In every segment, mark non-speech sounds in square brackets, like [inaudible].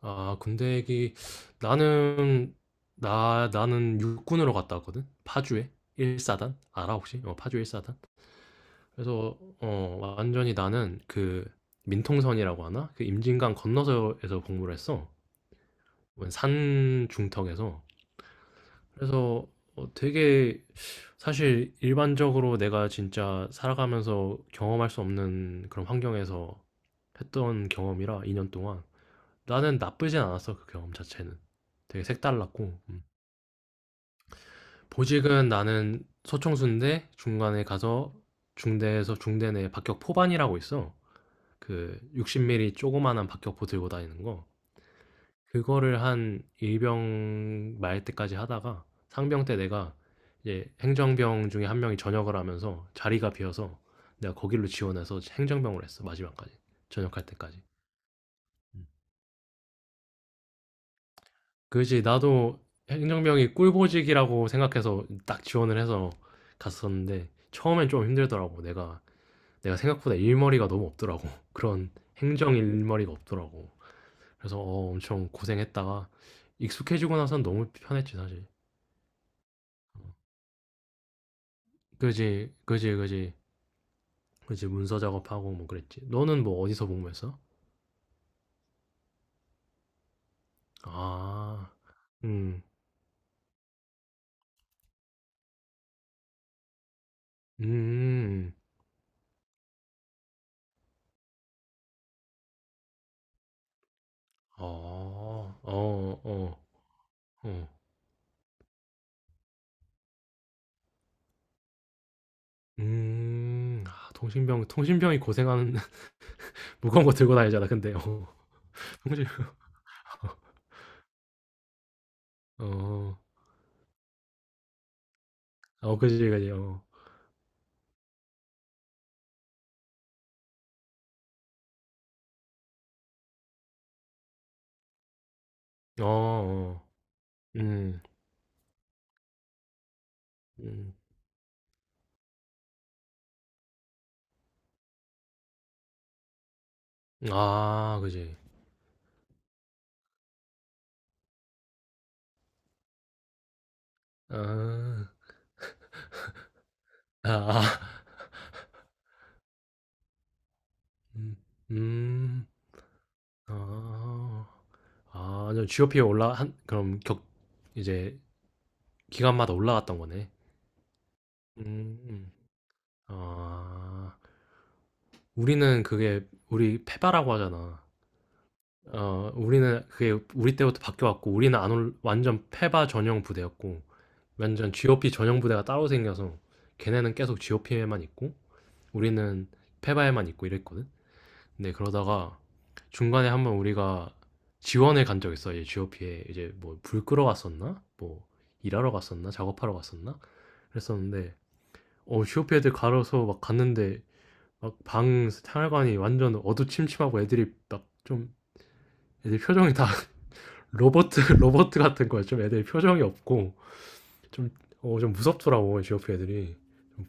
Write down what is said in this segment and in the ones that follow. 아, 군대 얘기. 나는, 나는 육군으로 갔다 왔거든? 파주에? 1사단? 알아, 혹시? 파주 1사단? 그래서, 완전히 나는 그, 민통선이라고 하나? 그 임진강 건너서에서 복무를 했어. 산 중턱에서. 그래서 되게, 사실 일반적으로 내가 진짜 살아가면서 경험할 수 없는 그런 환경에서 했던 경험이라, 2년 동안. 나는 나쁘진 않았어, 그 경험 자체는. 되게 색달랐고. 음. 보직은 나는 소총수인데 중간에 가서 중대에서 중대 내 박격 포반이라고 있어. 그 60mm 조그만한 박격포 들고 다니는 거. 그거를 한 일병 말 때까지 하다가 상병 때 내가 이제 행정병 중에 한 명이 전역을 하면서 자리가 비어서 내가 거길로 지원해서 행정병을 했어, 마지막까지. 전역할 때까지. 음. 그지, 나도 행정병이 꿀보직이라고 생각해서 딱 지원을 해서 갔었는데 처음엔 좀 힘들더라고. 내가 생각보다 일머리가 너무 없더라고. [laughs] 그런 행정 일머리가 없더라고. 그래서 엄청 고생했다가 익숙해지고 나선 너무 편했지, 사실. 그지, 그지, 그지, 그지, 문서 작업하고 뭐 그랬지. 너는 뭐 어디서 복무했어? 아, 음, 음, 어, 어, 어, 어. 음. 아, 통신병이 고생하는. [laughs] 무거운 거 들고 다니잖아, 근데. 어. 통신 어. 어, 그지, 그지. 어. 어어. 음. 음. 아, 그지. 아. 아. 아. 음. 음. 아. 아, 완전 GOP에 올라한 그럼 격 이제 기간마다 올라갔던 거네. 음. 음. 아. 우리는 그게, 우리 페바라고 하잖아. 어, 우리는 그게 우리 때부터 바뀌어왔고, 우리는 안 올, 완전 페바 전용 부대였고, 완전 GOP 전용 부대가 따로 생겨서, 걔네는 계속 GOP에만 있고, 우리는 페바에만 있고 이랬거든? 근데 그러다가 중간에 한번 우리가 지원을 간 적 있어. 이 GOP에 이제 뭐 불 끄러 갔었나? 뭐 일하러 갔었나? 작업하러 갔었나? 그랬었는데, GOP 애들 가려서 막 갔는데, 막 방 생활관이 완전 어두침침하고 애들이 막 좀, 애들 표정이 다 로버트, 로버트 [laughs] 같은 거야. 좀 애들 표정이 없고, 좀, 좀 무섭더라고. GOP 애들이 좀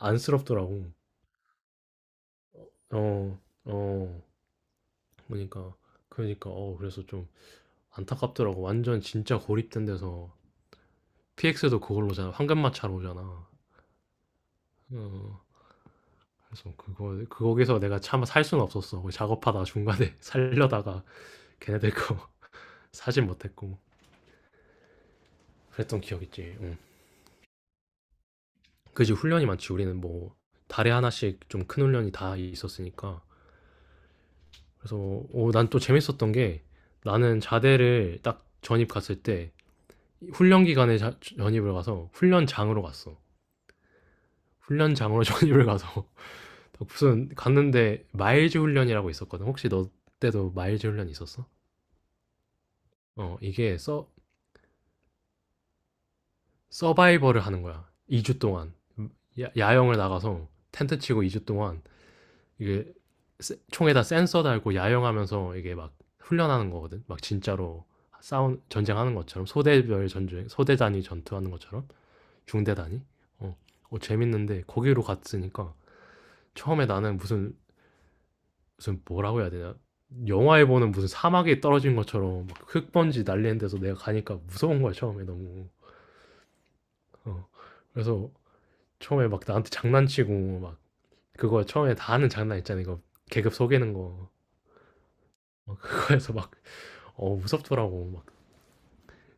안쓰럽더라고. 어, 어, 그러니까 그러니까 그래서 좀 안타깝더라고. 완전 진짜 고립된 데서 PX도 그걸로잖아. 황금마차로 오잖아. 어, 그래서 그거에서 내가 차마 살 수는 없었어. 거기 작업하다 중간에 [laughs] 살려다가 걔네들 거 [laughs] 사진 못했고. 그랬던 기억 있지. 응. 그지, 훈련이 많지. 우리는 뭐 달에 하나씩 좀 큰 훈련이 다 있었으니까. 그래서 난또 재밌었던 게, 나는 자대를 딱 전입 갔을 때 훈련 기간에 전입을 가서 훈련장으로 갔어. 훈련장으로 [laughs] 전입을 가서 [laughs] 무슨, 갔는데 마일즈 훈련이라고 있었거든. 혹시 너 때도 마일즈 훈련 있었어? 이게 서 서바이벌을 하는 거야, 2주 동안. 야영을 나가서 텐트 치고 2주 동안 이게 총에다 센서 달고 야영하면서 이게 막 훈련하는 거거든. 막 진짜로 싸운 전쟁하는 것처럼, 소대별 전쟁, 소대 단위 전투하는 것처럼, 중대 단위. 어, 어, 재밌는데 거기로 갔으니까 처음에 나는 무슨 뭐라고 해야 되냐? 영화에 보는 무슨 사막에 떨어진 것처럼 막 흙먼지 날리는 데서 내가 가니까 무서운 거야 처음에 너무. 어, 그래서 처음에 막 나한테 장난치고 막, 그거 처음에 다 하는 장난 있잖아, 이거 계급 속이는 거. 막 그거에서 막 무섭더라고, 막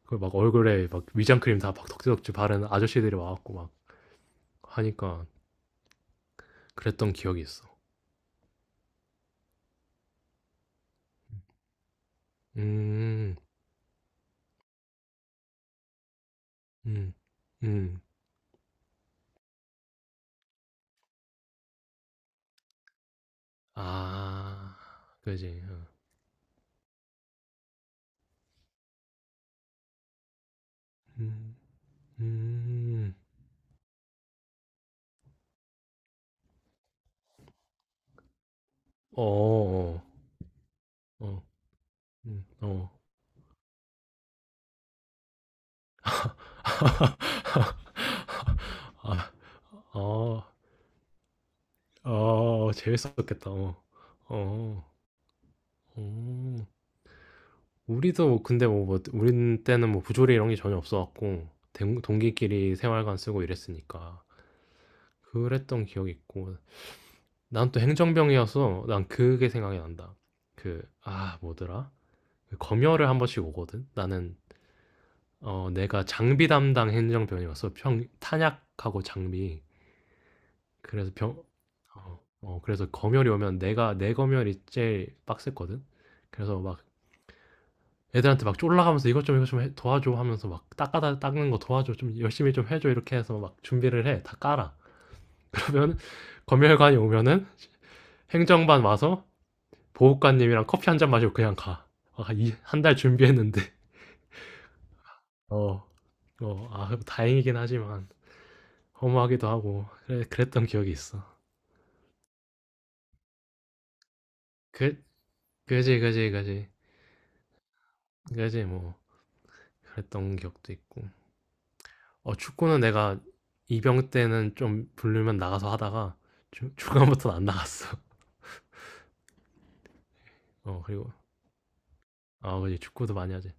그막 얼굴에 막 위장크림 다 막 덕지덕지 바른 아저씨들이 와갖고 막 하니까. 그랬던 기억이 있어. 음, 음, 음, 아, 그지. 어. 음, 음, 어, 어, 어, 어, 아, 어, 어, 재밌었겠다. 어, 어, 어. 우리도 뭐 근데 뭐 우리 때는 뭐 부조리 이런 게 전혀 없어갖고 동기끼리 생활관 쓰고 이랬으니까. 그랬던 기억이 있고. 난 또 행정병이어서 난 그게 생각이 난다. 그, 아, 뭐더라? 그 검열을 한 번씩 오거든? 내가 장비 담당 행정병이어서 탄약하고 장비. 그래서 병, 어, 어, 그래서 검열이 오면 내 검열이 제일 빡셌거든? 그래서 막 애들한테 막 쫄라가면서 이것 좀 이것 좀 도와줘 하면서 막 닦아다 닦는 거 도와줘 좀 열심히 좀 해줘, 이렇게 해서 막 준비를 해. 다 깔아. [laughs] 그러면 검열관이 오면은 행정반 와서 보호관님이랑 커피 한 잔 마시고 그냥 가. 아, 한 달 준비했는데. [laughs] 어, 어, 아, 다행이긴 하지만 허무하기도 하고. 그래, 그랬던 기억이 있어. 그, 그지, 그지, 그지, 그지, 뭐 그랬던 기억도 있고. 축구는 내가 이병 때는 좀 부르면 나가서 하다가 [laughs] 중간부터는 안 나갔어. 그리고 아, 그지, 축구도 많이 하지.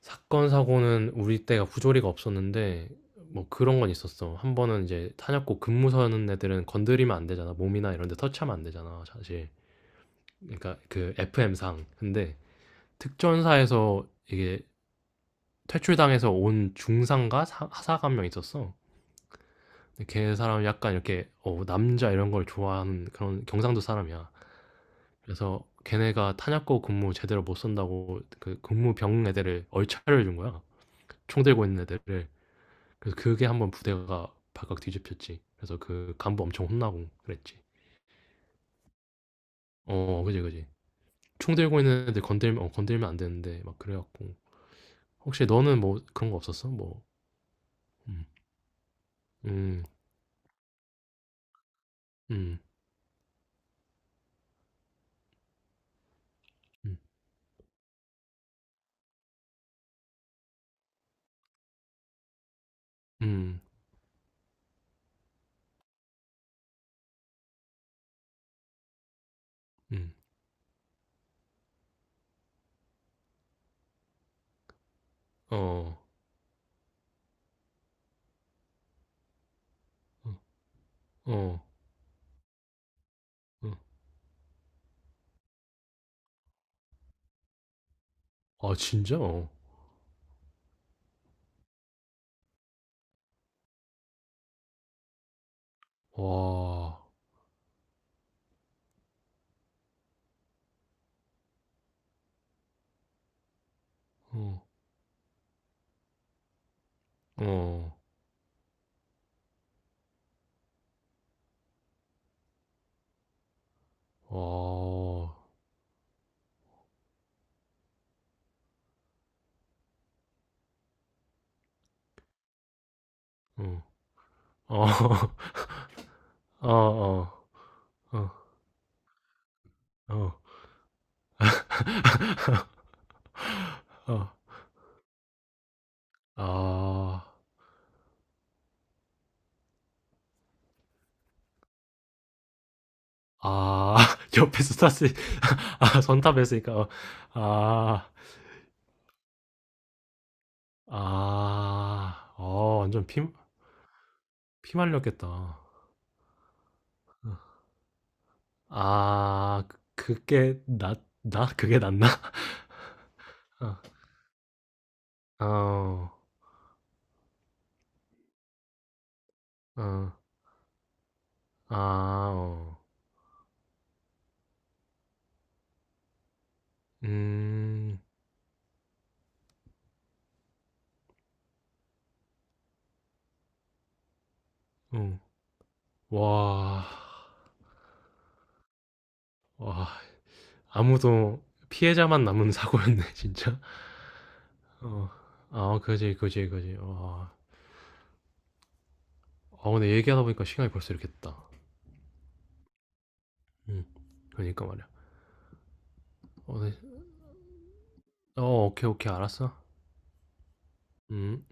사건 사고는 우리 때가 부조리가 없었는데 뭐 그런 건 있었어. 한 번은 이제 탄약고 근무 서는 애들은 건드리면 안 되잖아. 몸이나 이런 데 터치하면 안 되잖아, 사실. 그러니까 그 FM상. 근데 특전사에서 이게 퇴출당해서 온 중상과 사 하사가 한 명 있었어. 근데 걔 사람이 약간 이렇게 남자 이런 걸 좋아하는 그런 경상도 사람이야. 그래서 걔네가 탄약고 근무 제대로 못 선다고 그 근무병 애들을 얼차려 준 거야. 총 들고 있는 애들을. 그래서 그게 한번 부대가 발칵 뒤집혔지. 그래서 그 간부 엄청 혼나고 그랬지. 어, 그지, 그지. 총 들고 있는 애들 건들면, 건들면 안 되는데, 막 그래갖고. 혹시 너는 뭐 그런 거 없었어? 뭐, 음, 음, 음, 음, 음, 음. 어, 어, 어, 어. 아, 진짜? 어. 와, 어, 어, 와, 어, 어, [laughs] 어, 어, 어, 어, 어, 아. 아, [laughs] 옆에서 탔으니. [laughs] 아, 전탑했으니까. 어. 아. 아. 어, 완전 피 말렸겠다. 어. 아, 그 그게 낫 나? 그게 낫나? [laughs] 어. 어. 어. 아, 어. 음. 어. 와. 와, 아무도, 피해자만 남은 사고였네. [laughs] 진짜. 어. 아, 그지, 그지, 그지. 와. 아, 근데 얘기하다 보니까 시간이 벌써 이렇게 됐다. 음. 그니까 말이야. 어, 네. 어, 오케이, 오케이. 알았어. 음.